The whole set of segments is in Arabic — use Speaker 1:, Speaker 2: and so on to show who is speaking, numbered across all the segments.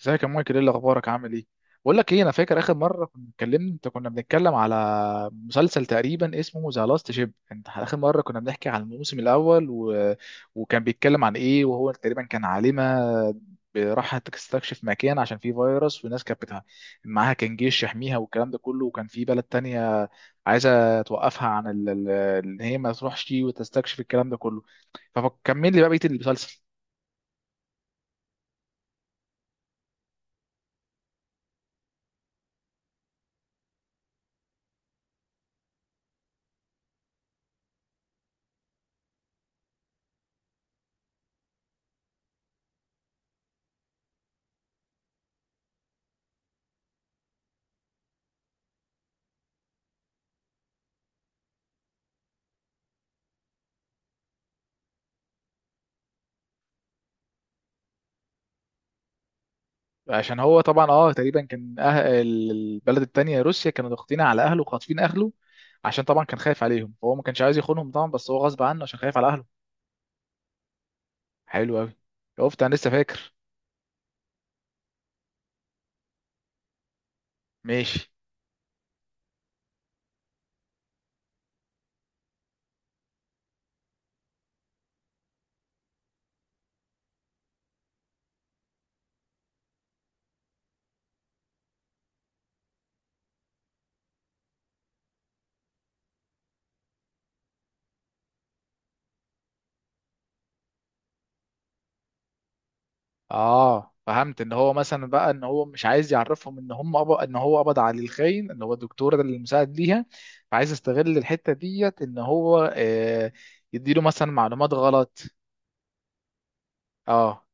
Speaker 1: ازيك يا مايكل؟ ايه اللي اخبارك؟ عامل ايه؟ بقول لك ايه، انا فاكر اخر مره كنا اتكلمنا، انت كنا بنتكلم على مسلسل تقريبا اسمه ذا لاست شيب. انت اخر مره كنا بنحكي عن الموسم الاول وكان بيتكلم عن ايه، وهو تقريبا كان عالمه راحت تستكشف مكان عشان فيه فيروس، والناس كانت بتاع معاها كان جيش يحميها والكلام ده كله. وكان في بلد تانية عايزه توقفها عن ان هي ما تروحش وتستكشف الكلام ده كله. فكمل لي بقى بقيه المسلسل. عشان هو طبعا تقريبا كان البلد التانية روسيا كانوا ضاغطين على اهله وخاطفين اهله. عشان طبعا كان خايف عليهم، فهو ما كانش عايز يخونهم طبعا، بس هو غصب عنه عشان خايف على اهله. حلو قوي. شفت انا لسه فاكر. ماشي. اه، فهمت ان هو مثلا بقى ان هو مش عايز يعرفهم ان هم ان هو قبض على الخاين اللي هو الدكتور ده اللي مساعد ليها، فعايز يستغل الحتة ديت ان هو يديله مثلا معلومات غلط. اه.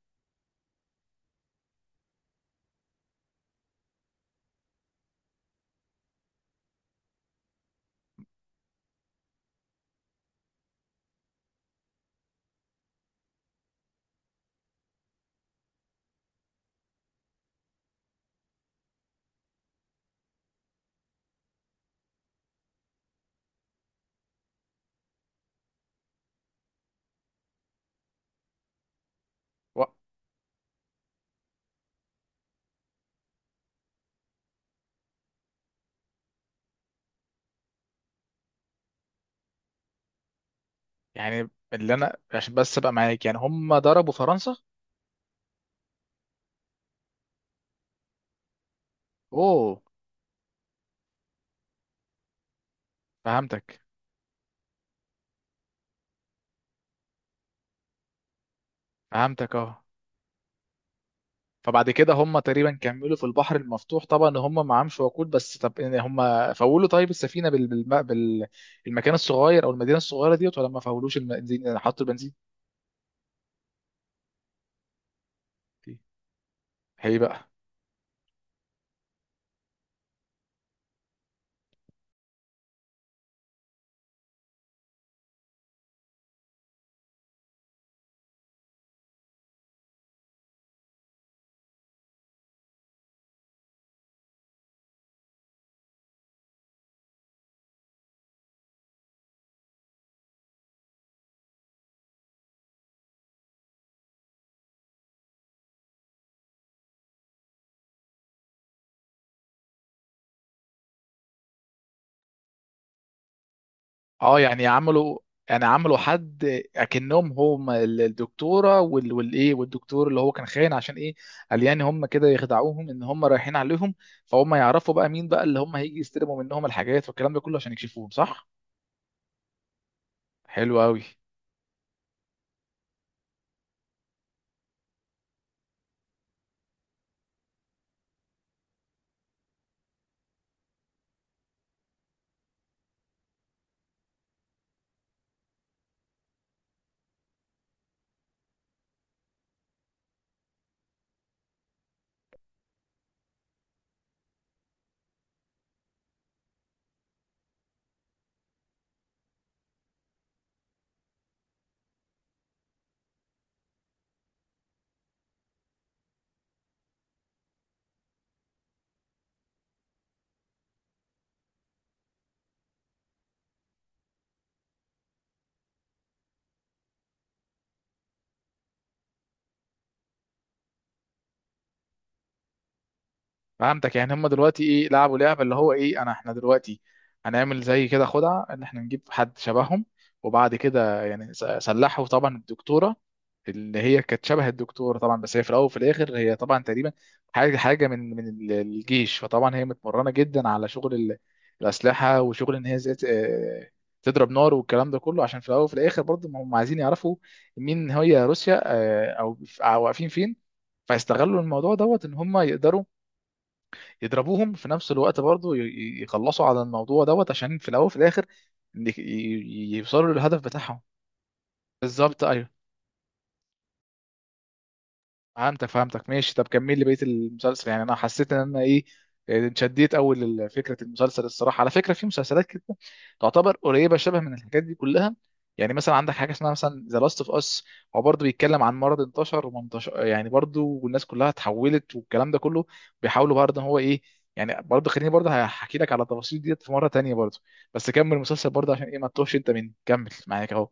Speaker 1: و... يعني اللي انا عشان بس ابقى معاك، يعني هم ضربوا فرنسا. اوه. فهمتك، فهمتك. اه. فبعد كده هم تقريبا كملوا في البحر المفتوح، طبعا هم معهمش وقود، بس طب إن هم فولوا طيب السفينه المكان الصغير او المدينه الصغيره ديت، ولا ما فولوش البنزين يعني حطوا البنزين فيه. هي بقى. اه، يعني عملوا حد اكنهم هم الدكتوره والايه والدكتور اللي هو كان خاين. عشان ايه؟ قال يعني هم كده يخدعوهم ان هم رايحين عليهم، فهم يعرفوا بقى مين بقى اللي هم هيجي يستلموا منهم الحاجات والكلام ده كله، عشان يكشفوهم. صح؟ حلو قوي. فهمتك. يعني هم دلوقتي ايه لعبوا لعبه اللي هو ايه، انا احنا دلوقتي هنعمل زي كده خدعه، ان احنا نجيب حد شبههم. وبعد كده يعني سلحوا طبعا الدكتوره اللي هي كانت شبه الدكتوره طبعا، بس هي في الاول وفي الاخر هي طبعا تقريبا حاجه حاجه من الجيش. فطبعا هي متمرنه جدا على شغل الاسلحه، وشغل ان هي ازاي تضرب نار والكلام ده كله، عشان في الاول وفي الاخر برضه ما هم عايزين يعرفوا مين هي روسيا، او واقفين فين. فيستغلوا الموضوع دوت ان هم يقدروا يضربوهم في نفس الوقت برضو، يخلصوا على الموضوع دوت، عشان في الاول وفي الاخر إن يوصلوا للهدف بتاعهم. بالظبط، ايوه. فهمتك، فهمتك. ماشي، طب كمل لي بقيه المسلسل، يعني انا حسيت ان انا ايه. اتشديت اول لفكره المسلسل الصراحه. على فكره، في مسلسلات كده تعتبر قريبه شبه من الحاجات دي كلها. يعني مثلا عندك حاجه اسمها مثلا ذا لاست اوف اس، هو برضه بيتكلم عن مرض انتشر ومنتشر يعني برضه، والناس كلها اتحولت والكلام ده كله، بيحاولوا برضه ان هو ايه. يعني برضه خليني برضه هحكي لك على التفاصيل ديت في مره تانية برضه. بس كمل المسلسل برضه، عشان ايه ما تتوهش انت مني. كمل معاك اهو.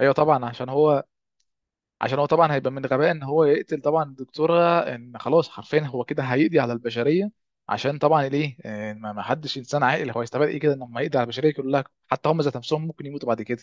Speaker 1: ايوه طبعا، عشان هو طبعا هيبقى من غباء ان هو يقتل طبعا الدكتوره، ان خلاص حرفيا هو كده هيقضي على البشريه. عشان طبعا ليه؟ ما حدش انسان عاقل، هو هيستفاد ايه كده انه ما يقضي على البشريه كلها، حتى هم ذات نفسهم ممكن يموتوا بعد كده.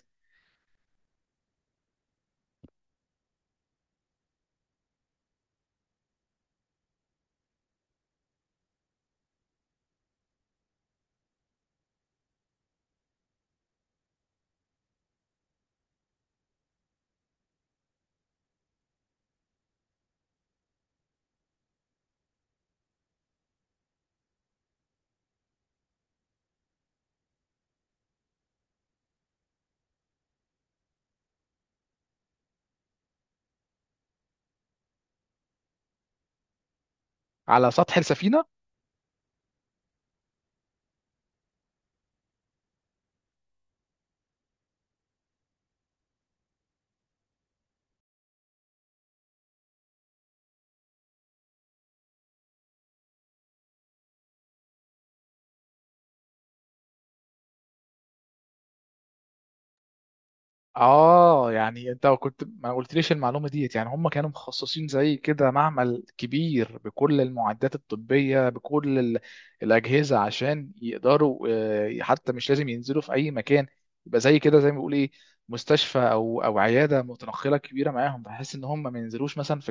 Speaker 1: على سطح السفينه. اه، يعني انت كنت ما قلتليش المعلومه ديت، يعني هم كانوا مخصصين زي كده معمل كبير بكل المعدات الطبيه، بكل الاجهزه، عشان يقدروا، حتى مش لازم ينزلوا في اي مكان. يبقى زي كده زي ما بيقول ايه، مستشفى او عياده متنقله كبيره معاهم، بحيث ان هم ما ينزلوش مثلا في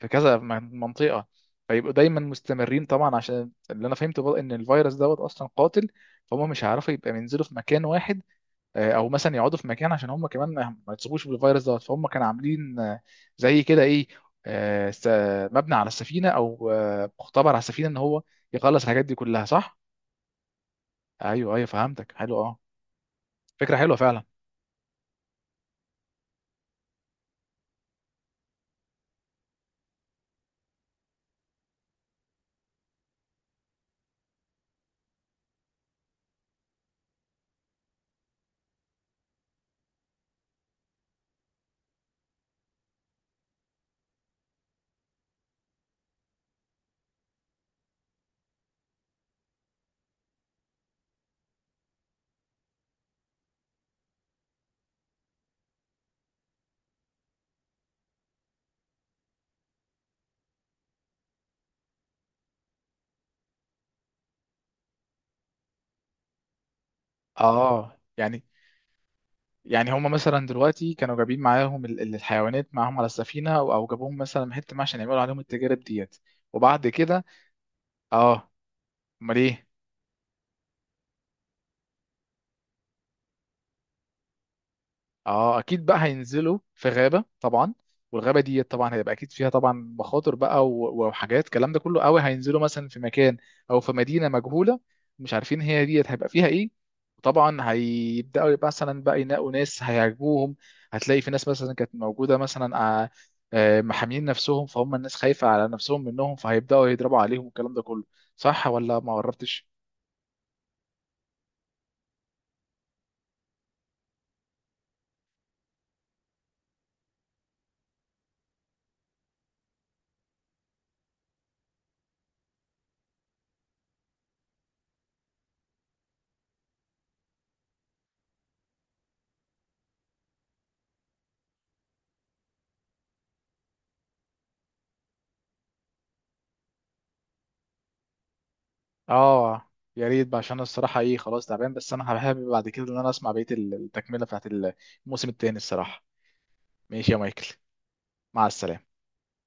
Speaker 1: في كذا منطقه. فيبقوا دايما مستمرين، طبعا عشان اللي انا فهمته بقى ان الفيروس دوت اصلا قاتل، فهم مش هيعرفوا يبقى ينزلوا في مكان واحد. او مثلا يقعدوا في مكان، عشان هم كمان ما يتصابوش بالفيروس دوت. فهم كانوا عاملين زي كده ايه، آه، س- مبنى على السفينه، او مختبر على السفينه، ان هو يخلص الحاجات دي كلها. صح؟ ايوه، ايوه، فهمتك، حلو. اه. فكره حلوه فعلا. اه، يعني هم مثلا دلوقتي كانوا جايبين معاهم الحيوانات معاهم على السفينه، او جابوهم مثلا من حته ما، عشان يعملوا عليهم التجارب ديت. وبعد كده. اه. امال ايه؟ اه، اكيد بقى هينزلوا في غابه طبعا، والغابه دي طبعا هيبقى اكيد فيها طبعا مخاطر بقى، وحاجات الكلام ده كله قوي. هينزلوا مثلا في مكان او في مدينه مجهوله، مش عارفين هي ديت هيبقى فيها ايه. وطبعا هيبداوا يبقى مثلا بقى ينقوا ناس هيعجبوهم. هتلاقي في ناس مثلا كانت موجوده مثلا، آه، محامين نفسهم، فهم الناس خايفه على نفسهم منهم، فهيبداوا يضربوا عليهم والكلام ده كله. صح ولا ما قربتش؟ اه، يا ريت بقى، عشان الصراحه ايه خلاص تعبان، بس انا حابب بعد كده ان انا اسمع بقيه التكمله بتاعت الموسم التاني الصراحه. ماشي يا مايكل. مع السلامه.